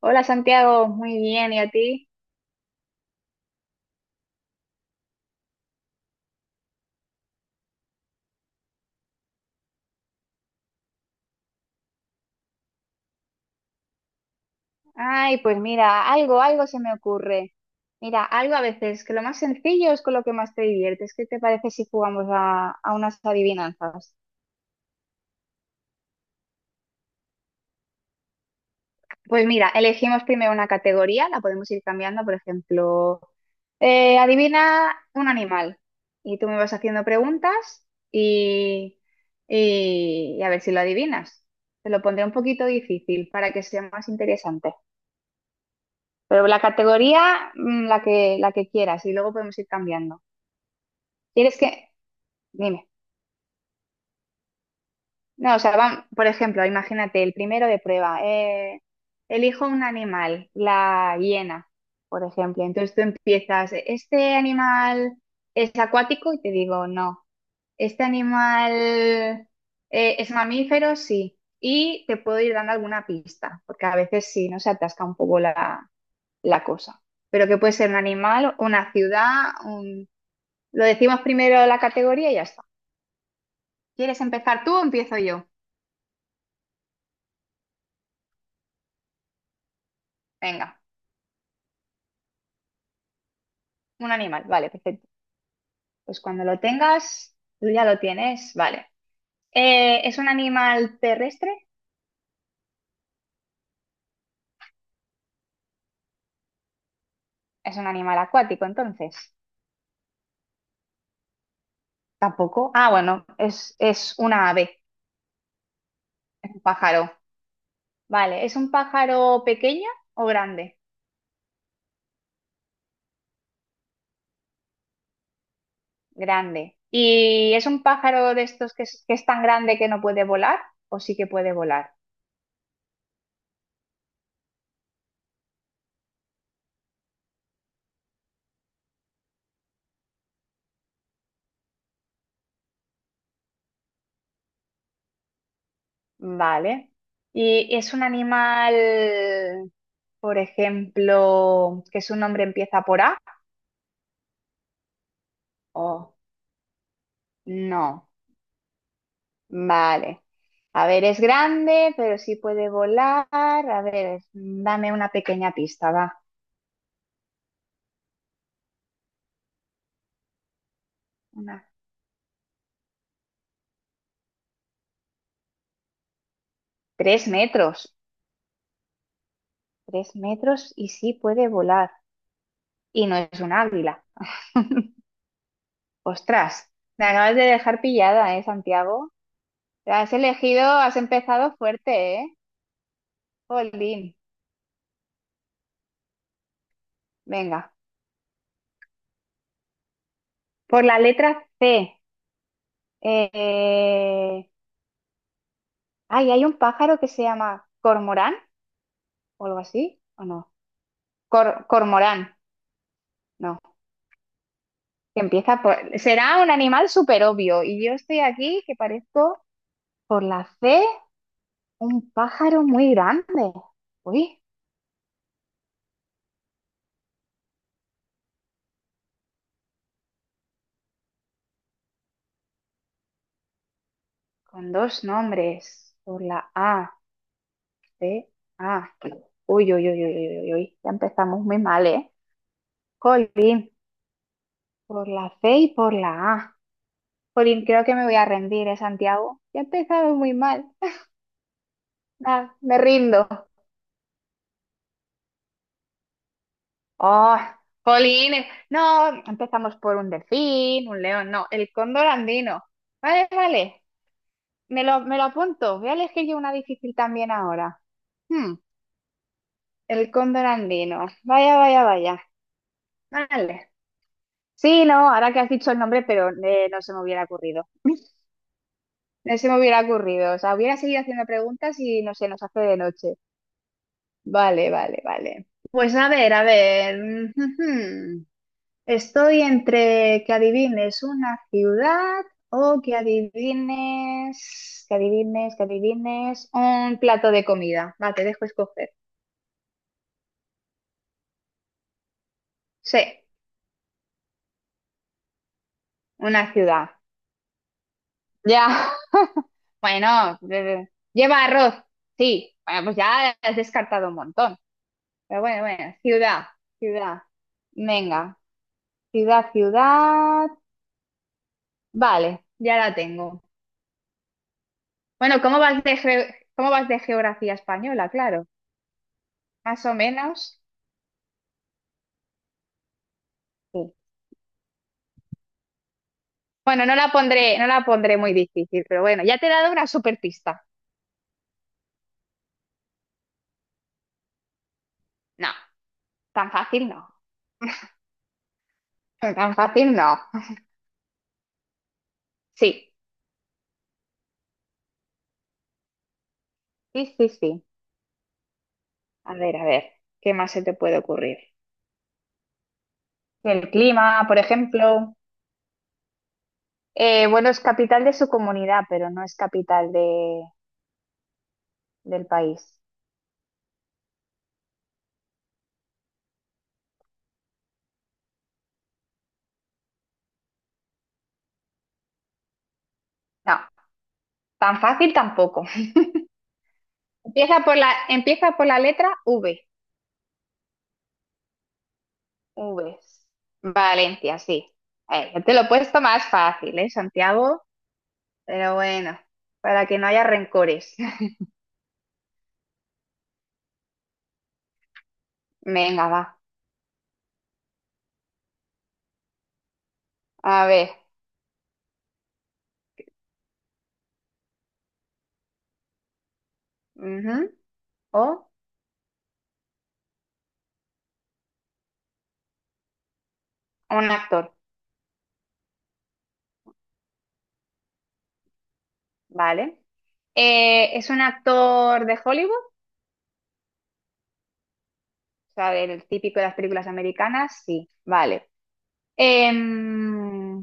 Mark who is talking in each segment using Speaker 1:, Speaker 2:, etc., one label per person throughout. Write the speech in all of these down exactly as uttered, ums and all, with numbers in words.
Speaker 1: Hola Santiago, muy bien, ¿y a ti? Ay, pues mira, algo, algo se me ocurre. Mira, algo a veces, que lo más sencillo es con lo que más te diviertes. ¿Qué te parece si jugamos a, a unas adivinanzas? Pues mira, elegimos primero una categoría, la podemos ir cambiando, por ejemplo, eh, adivina un animal. Y tú me vas haciendo preguntas y, y, y a ver si lo adivinas. Te lo pondré un poquito difícil para que sea más interesante. Pero la categoría, mm, la que, la que quieras, y luego podemos ir cambiando. ¿Quieres que...? Dime. No, o sea, van, por ejemplo, imagínate, el primero de prueba. eh, elijo un animal, la hiena, por ejemplo. Entonces tú empiezas, ¿este animal es acuático? Y te digo, no. ¿Este animal eh, es mamífero? Sí. Y te puedo ir dando alguna pista, porque a veces sí, ¿no? Se atasca un poco la, la cosa pero que puede ser un animal, una ciudad, un, lo decimos primero la categoría y ya está. ¿Quieres empezar tú o empiezo yo? Venga, un animal. Vale, perfecto. Pues cuando lo tengas, tú ya lo tienes. Vale. Eh, ¿es un animal terrestre? Es un animal acuático, entonces. Tampoco. Ah, bueno, es, es una ave, es un pájaro. Vale, ¿es un pájaro pequeño o grande? Grande. ¿Y es un pájaro de estos que es, que es tan grande que no puede volar o sí que puede volar? Vale. ¿Y es un animal, por ejemplo, que su nombre empieza por A? ¿O no? Vale. A ver, es grande, pero sí puede volar. A ver, dame una pequeña pista, va. Una. Tres metros. Tres metros y sí puede volar. Y no es un águila. Ostras, me acabas de dejar pillada, ¿eh, Santiago? Te has elegido, has empezado fuerte, ¿eh? Jolín. Venga. Por la letra C. Eh, ay, hay un pájaro que se llama cormorán o algo así, ¿o no? Cor- cormorán, no. Que empieza por. Será un animal súper obvio. Y yo estoy aquí que parezco por la C un pájaro muy grande. Uy, con dos nombres. Por la A, C, A. Uy, uy, uy, uy, uy, uy, uy. Ya empezamos muy mal, ¿eh? Colín, por la C y por la A. Jolín, creo que me voy a rendir, ¿eh, Santiago? Ya he empezado muy mal. Ah, me rindo. Oh, jolín, eh, no, empezamos por un delfín, un león, no, el cóndor andino. Vale, vale, me lo, me lo apunto. Voy a elegir yo una difícil también ahora. Hmm, el cóndor andino. Vaya, vaya, vaya. Vale. Sí, no, ahora que has dicho el nombre, pero eh, no se me hubiera ocurrido. No se me hubiera ocurrido. O sea, hubiera seguido haciendo preguntas y no sé, nos hace de noche. Vale, vale, vale. Pues a ver, a ver. Estoy entre que adivines una ciudad o que adivines, que adivines, que adivines un plato de comida. Va, te dejo escoger. Sí, una ciudad. Ya. Bueno, eh, lleva arroz. Sí. Bueno, pues ya has descartado un montón. Pero bueno, bueno, ciudad, ciudad. Venga, ciudad, ciudad. Vale, ya la tengo. Bueno, ¿cómo vas de, ge- ¿cómo vas de geografía española? Claro, más o menos. Sí. Bueno, no la pondré, no la pondré muy difícil, pero bueno, ya te he dado una super pista. No, tan fácil no. Tan fácil no. Sí, sí, sí, sí. A ver, a ver, ¿qué más se te puede ocurrir? El clima, por ejemplo. Eh, bueno, es capital de su comunidad, pero no es capital de, del país. No, tan fácil tampoco. Empieza por la, empieza por la letra V. Vs. Valencia, sí. Eh, ya te lo he puesto más fácil, ¿eh, Santiago? Pero bueno, para que no haya rencores. Venga, va. A ver. Ujú. O un actor, ¿vale? Eh, ¿es un actor de Hollywood? O sea, del típico de las películas americanas, sí. Vale. Em,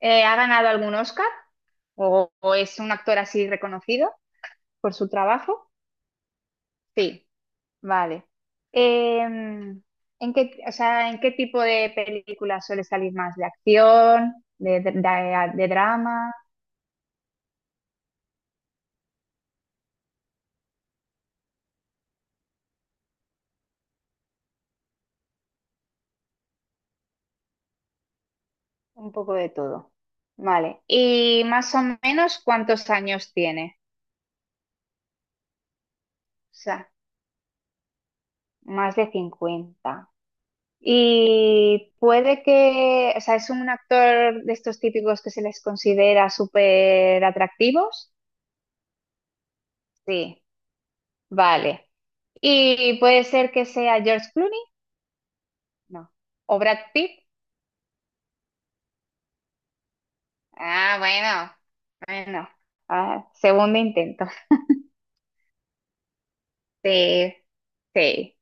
Speaker 1: eh, ¿ha ganado algún Oscar? ¿O, o es un actor así reconocido por su trabajo? Sí. Vale. Em, ¿en qué, o sea, ¿en qué tipo de películas suele salir más? ¿De acción? ¿De, de, ¿de- de drama? Un poco de todo. Vale. ¿Y más o menos cuántos años tiene? O sea, más de cincuenta y puede que, o sea, es un actor de estos típicos que se les considera súper atractivos. Sí, vale. ¿Y puede ser que sea George Clooney? No. ¿O Brad Pitt? Ah, bueno, bueno. Ah, segundo intento. Sí, sí.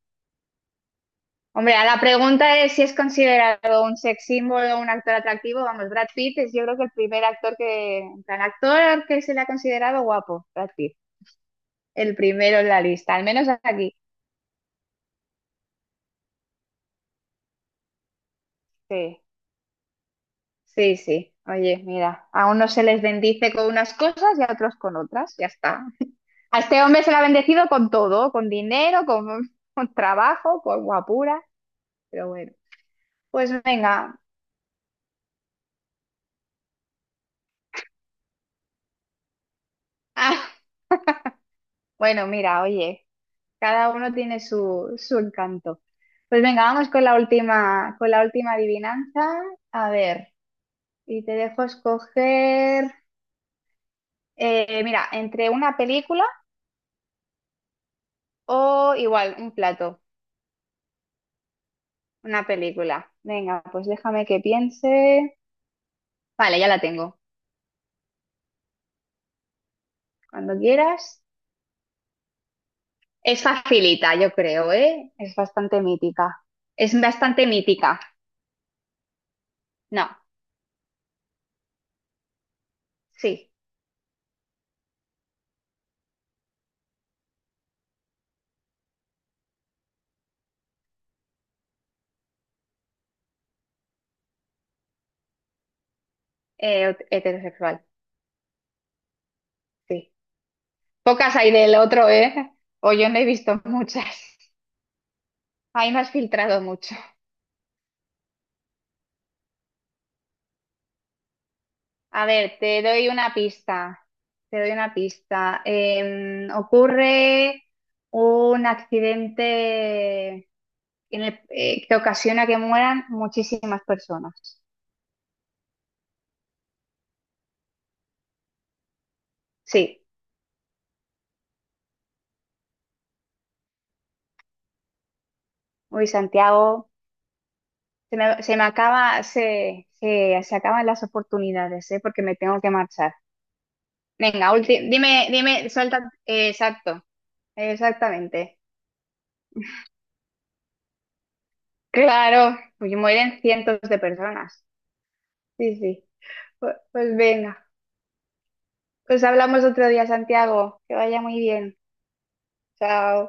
Speaker 1: Hombre, a la pregunta es si es considerado un sex symbol o un actor atractivo, vamos, Brad Pitt es yo creo que el primer actor que, en plan, actor que se le ha considerado guapo, Brad Pitt. El primero en la lista, al menos aquí. Sí, sí, sí. Oye, mira, a unos se les bendice con unas cosas y a otros con otras, ya está. A este hombre se le ha bendecido con todo, con dinero, con, con trabajo, con guapura, pero bueno. Pues venga. Ah, bueno, mira, oye, cada uno tiene su, su encanto. Pues venga, vamos con la última, con la última adivinanza. A ver, y te dejo escoger, eh, mira, entre una película o igual, un plato, una película. Venga, pues déjame que piense. Vale, ya la tengo. Cuando quieras. Es facilita, yo creo, ¿eh? Es bastante mítica. Es bastante mítica. No, sí. Eh, heterosexual, sí. Pocas hay del otro, ¿eh? O yo no he visto muchas. Ahí no has filtrado mucho. A ver, te doy una pista. Te doy una pista. Em, ocurre un accidente en el- eh, que ocasiona que mueran muchísimas personas. Sí. Uy, Santiago, se me, se me acaba, se, se, se acaban las oportunidades, ¿eh? Porque me tengo que marchar. Venga, ulti- dime, dime, suelta. eh, exacto, exactamente. Claro, pues mueren cientos de personas. Sí, sí. Pu- Pues, venga, pues hablamos otro día, Santiago. Que vaya muy bien. Chao.